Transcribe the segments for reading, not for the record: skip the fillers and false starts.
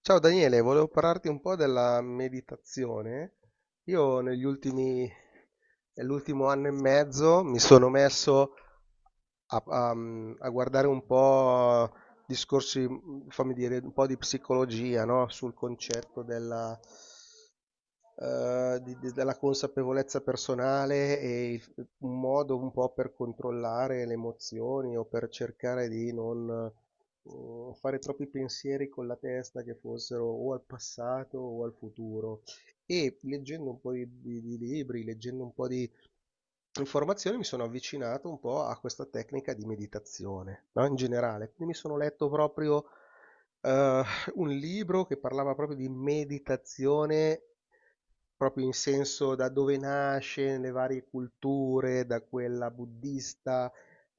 Ciao Daniele, volevo parlarti un po' della meditazione. Io nell'ultimo anno e mezzo mi sono messo a, a- a guardare un po' discorsi, fammi dire, un po' di psicologia, no? Sul concetto della consapevolezza personale e un modo un po' per controllare le emozioni o per cercare di non fare troppi pensieri con la testa che fossero o al passato o al futuro. E leggendo un po' di libri, leggendo un po' di informazioni, mi sono avvicinato un po' a questa tecnica di meditazione, no? In generale. Quindi mi sono letto proprio eh, un libro che parlava proprio di meditazione. Proprio in senso da dove nasce nelle varie culture, da quella buddista,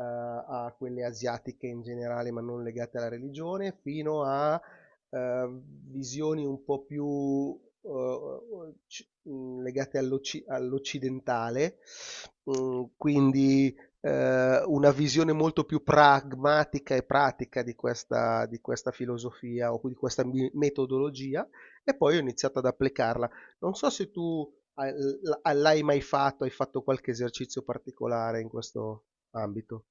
a quelle asiatiche in generale, ma non legate alla religione, fino a eh, visioni un po' più legate all'occidentale. Quindi una visione molto più pragmatica e pratica di questa filosofia o di questa metodologia, e poi ho iniziato ad applicarla. Non so se tu l'hai mai fatto, hai fatto qualche esercizio particolare in questo ambito.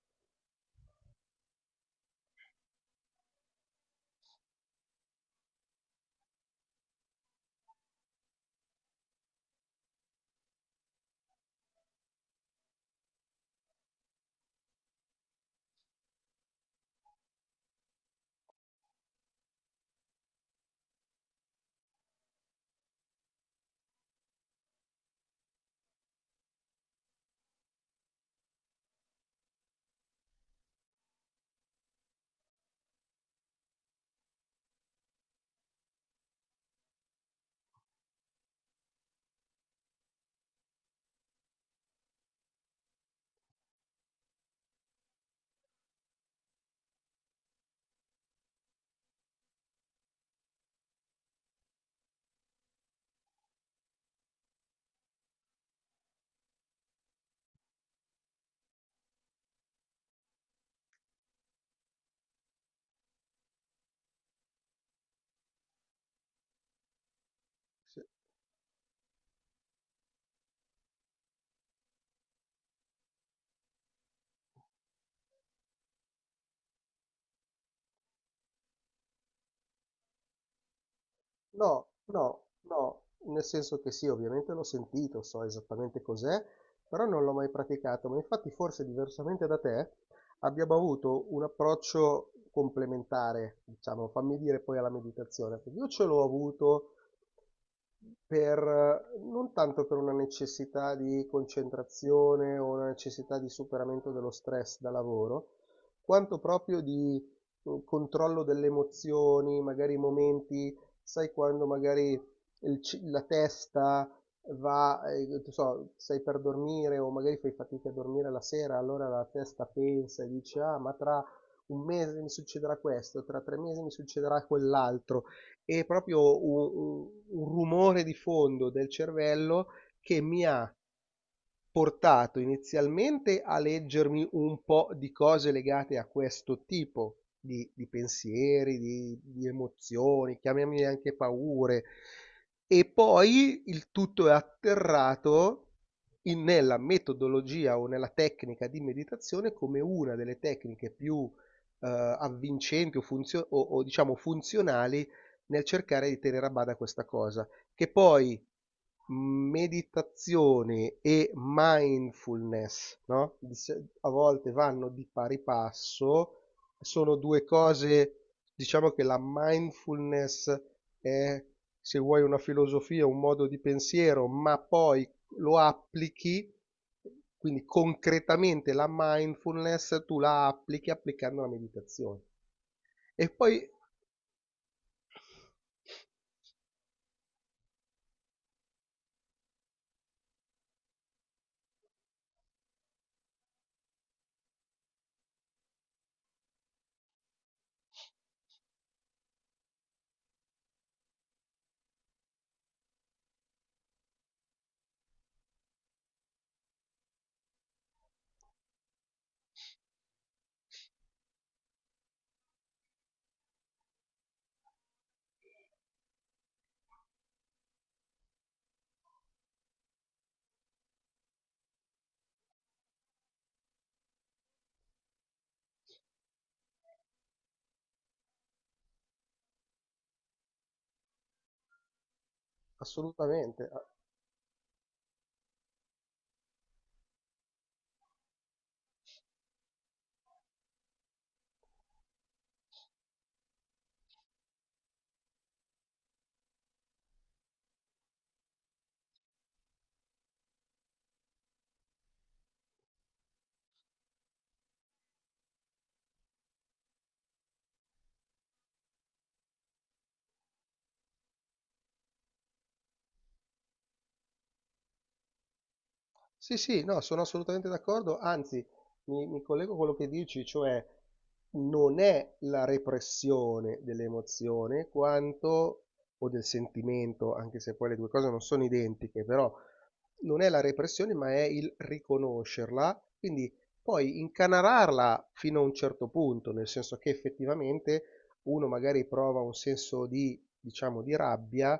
No, no, no, nel senso che sì, ovviamente l'ho sentito, so esattamente cos'è, però non l'ho mai praticato, ma infatti forse diversamente da te abbiamo avuto un approccio complementare, diciamo, fammi dire poi alla meditazione, perché io ce l'ho avuto non tanto per una necessità di concentrazione o una necessità di superamento dello stress da lavoro, quanto proprio di controllo delle emozioni, magari momenti, sai, quando magari la testa va, non so, stai per dormire o magari fai fatica a dormire la sera, allora la testa pensa e dice, ah, ma tra un mese mi succederà questo, tra 3 mesi mi succederà quell'altro. E proprio un rumore di fondo del cervello che mi ha portato inizialmente a leggermi un po' di cose legate a questo tipo di pensieri, di emozioni, chiamiamole anche paure, e poi il tutto è atterrato nella metodologia o nella tecnica di meditazione come una delle tecniche più avvincenti o, diciamo funzionali nel cercare di tenere a bada questa cosa, che poi meditazione e mindfulness, no? Di se- A volte vanno di pari passo, sono due cose. Diciamo che la mindfulness è, se vuoi, una filosofia, un modo di pensiero, ma poi lo applichi, quindi concretamente la mindfulness tu la applichi applicando la meditazione. E poi. Assolutamente. Sì, sì, no, sono assolutamente d'accordo, anzi mi collego a quello che dici, cioè non è la repressione dell'emozione, quanto, o del sentimento, anche se poi le due cose non sono identiche, però non è la repressione ma è il riconoscerla, quindi poi incanalarla fino a un certo punto, nel senso che effettivamente uno magari prova un senso di, diciamo, di rabbia,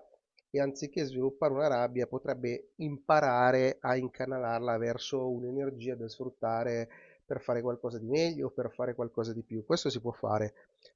e anziché sviluppare una rabbia potrebbe imparare a incanalarla verso un'energia da sfruttare per fare qualcosa di meglio, per fare qualcosa di più. Questo si può fare,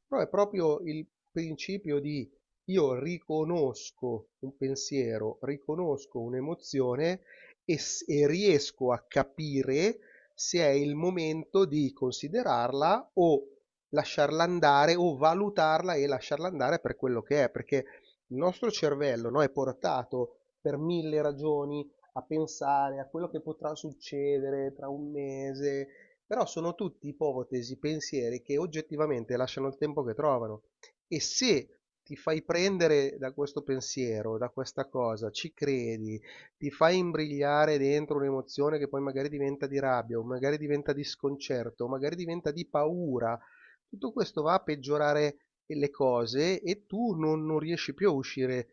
però è proprio il principio di io riconosco un pensiero, riconosco un'emozione, e riesco a capire se è il momento di considerarla o lasciarla andare o valutarla e lasciarla andare per quello che è, perché il nostro cervello, no, è portato per mille ragioni a pensare a quello che potrà succedere tra un mese, però sono tutti ipotesi, pensieri che oggettivamente lasciano il tempo che trovano. E se ti fai prendere da questo pensiero, da questa cosa, ci credi, ti fai imbrigliare dentro un'emozione che poi magari diventa di rabbia, o magari diventa di sconcerto, o magari diventa di paura, tutto questo va a peggiorare le cose e tu non riesci più a uscire.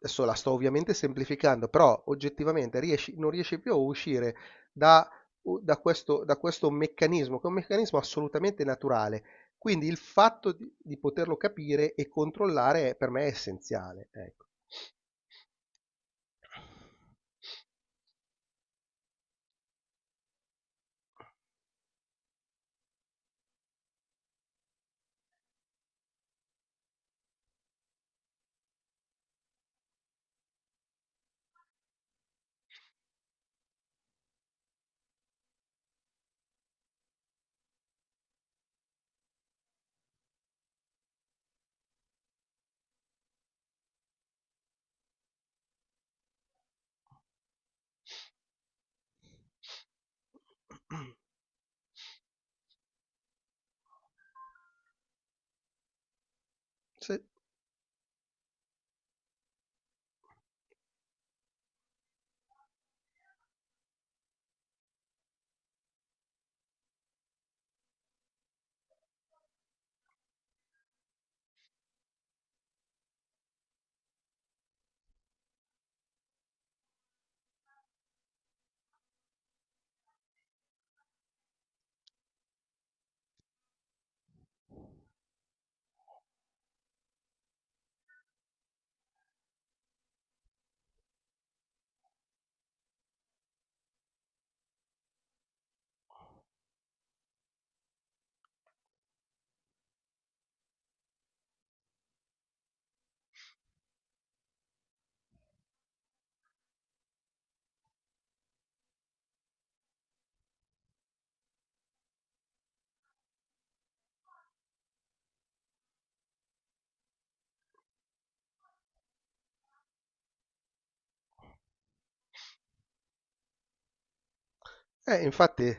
Adesso la sto ovviamente semplificando, però oggettivamente non riesci più a uscire da, da questo meccanismo, che è un meccanismo assolutamente naturale. Quindi il fatto di poterlo capire e controllare per me è essenziale. Ecco. Sì. Infatti.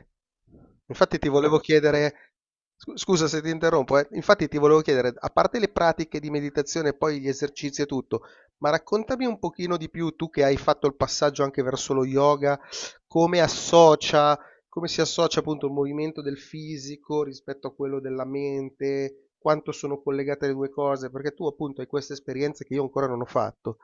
Infatti ti volevo chiedere, scusa se ti interrompo, infatti ti volevo chiedere, a parte le pratiche di meditazione e poi gli esercizi e tutto, ma raccontami un pochino di più, tu che hai fatto il passaggio anche verso lo yoga, come associa, come si associa appunto il movimento del fisico rispetto a quello della mente, quanto sono collegate le due cose, perché tu appunto hai queste esperienze che io ancora non ho fatto.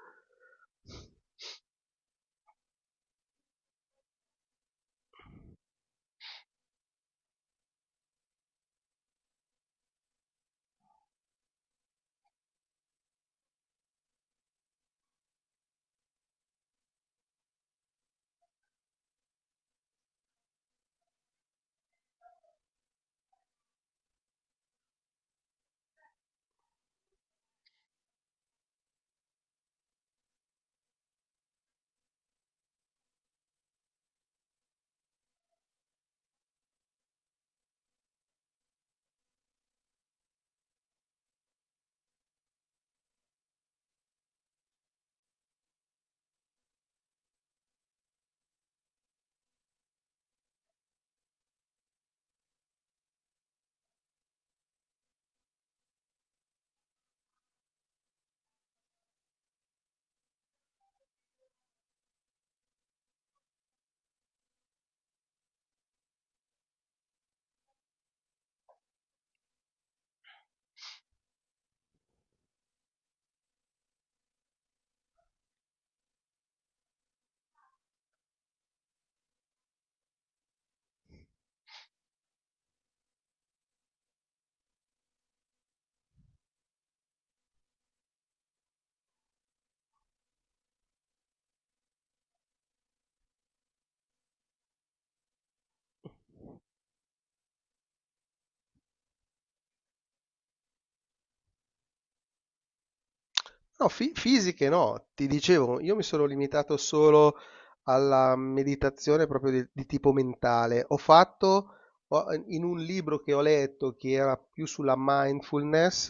No, fisiche no, ti dicevo, io mi sono limitato solo alla meditazione proprio di tipo mentale. Ho fatto in un libro che ho letto che era più sulla mindfulness,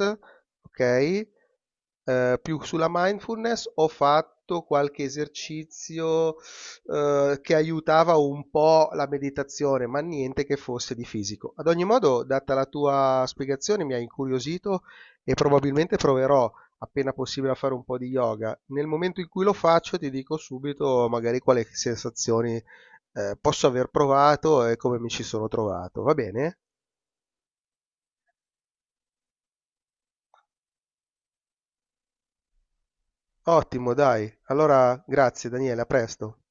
ok? Più sulla mindfulness ho fatto qualche esercizio, che aiutava un po' la meditazione, ma niente che fosse di fisico. Ad ogni modo, data la tua spiegazione, mi hai incuriosito e probabilmente proverò, appena possibile, a fare un po' di yoga. Nel momento in cui lo faccio, ti dico subito magari quali sensazioni, posso aver provato e come mi ci sono trovato. Va bene? Ottimo, dai. Allora grazie Daniele, a presto.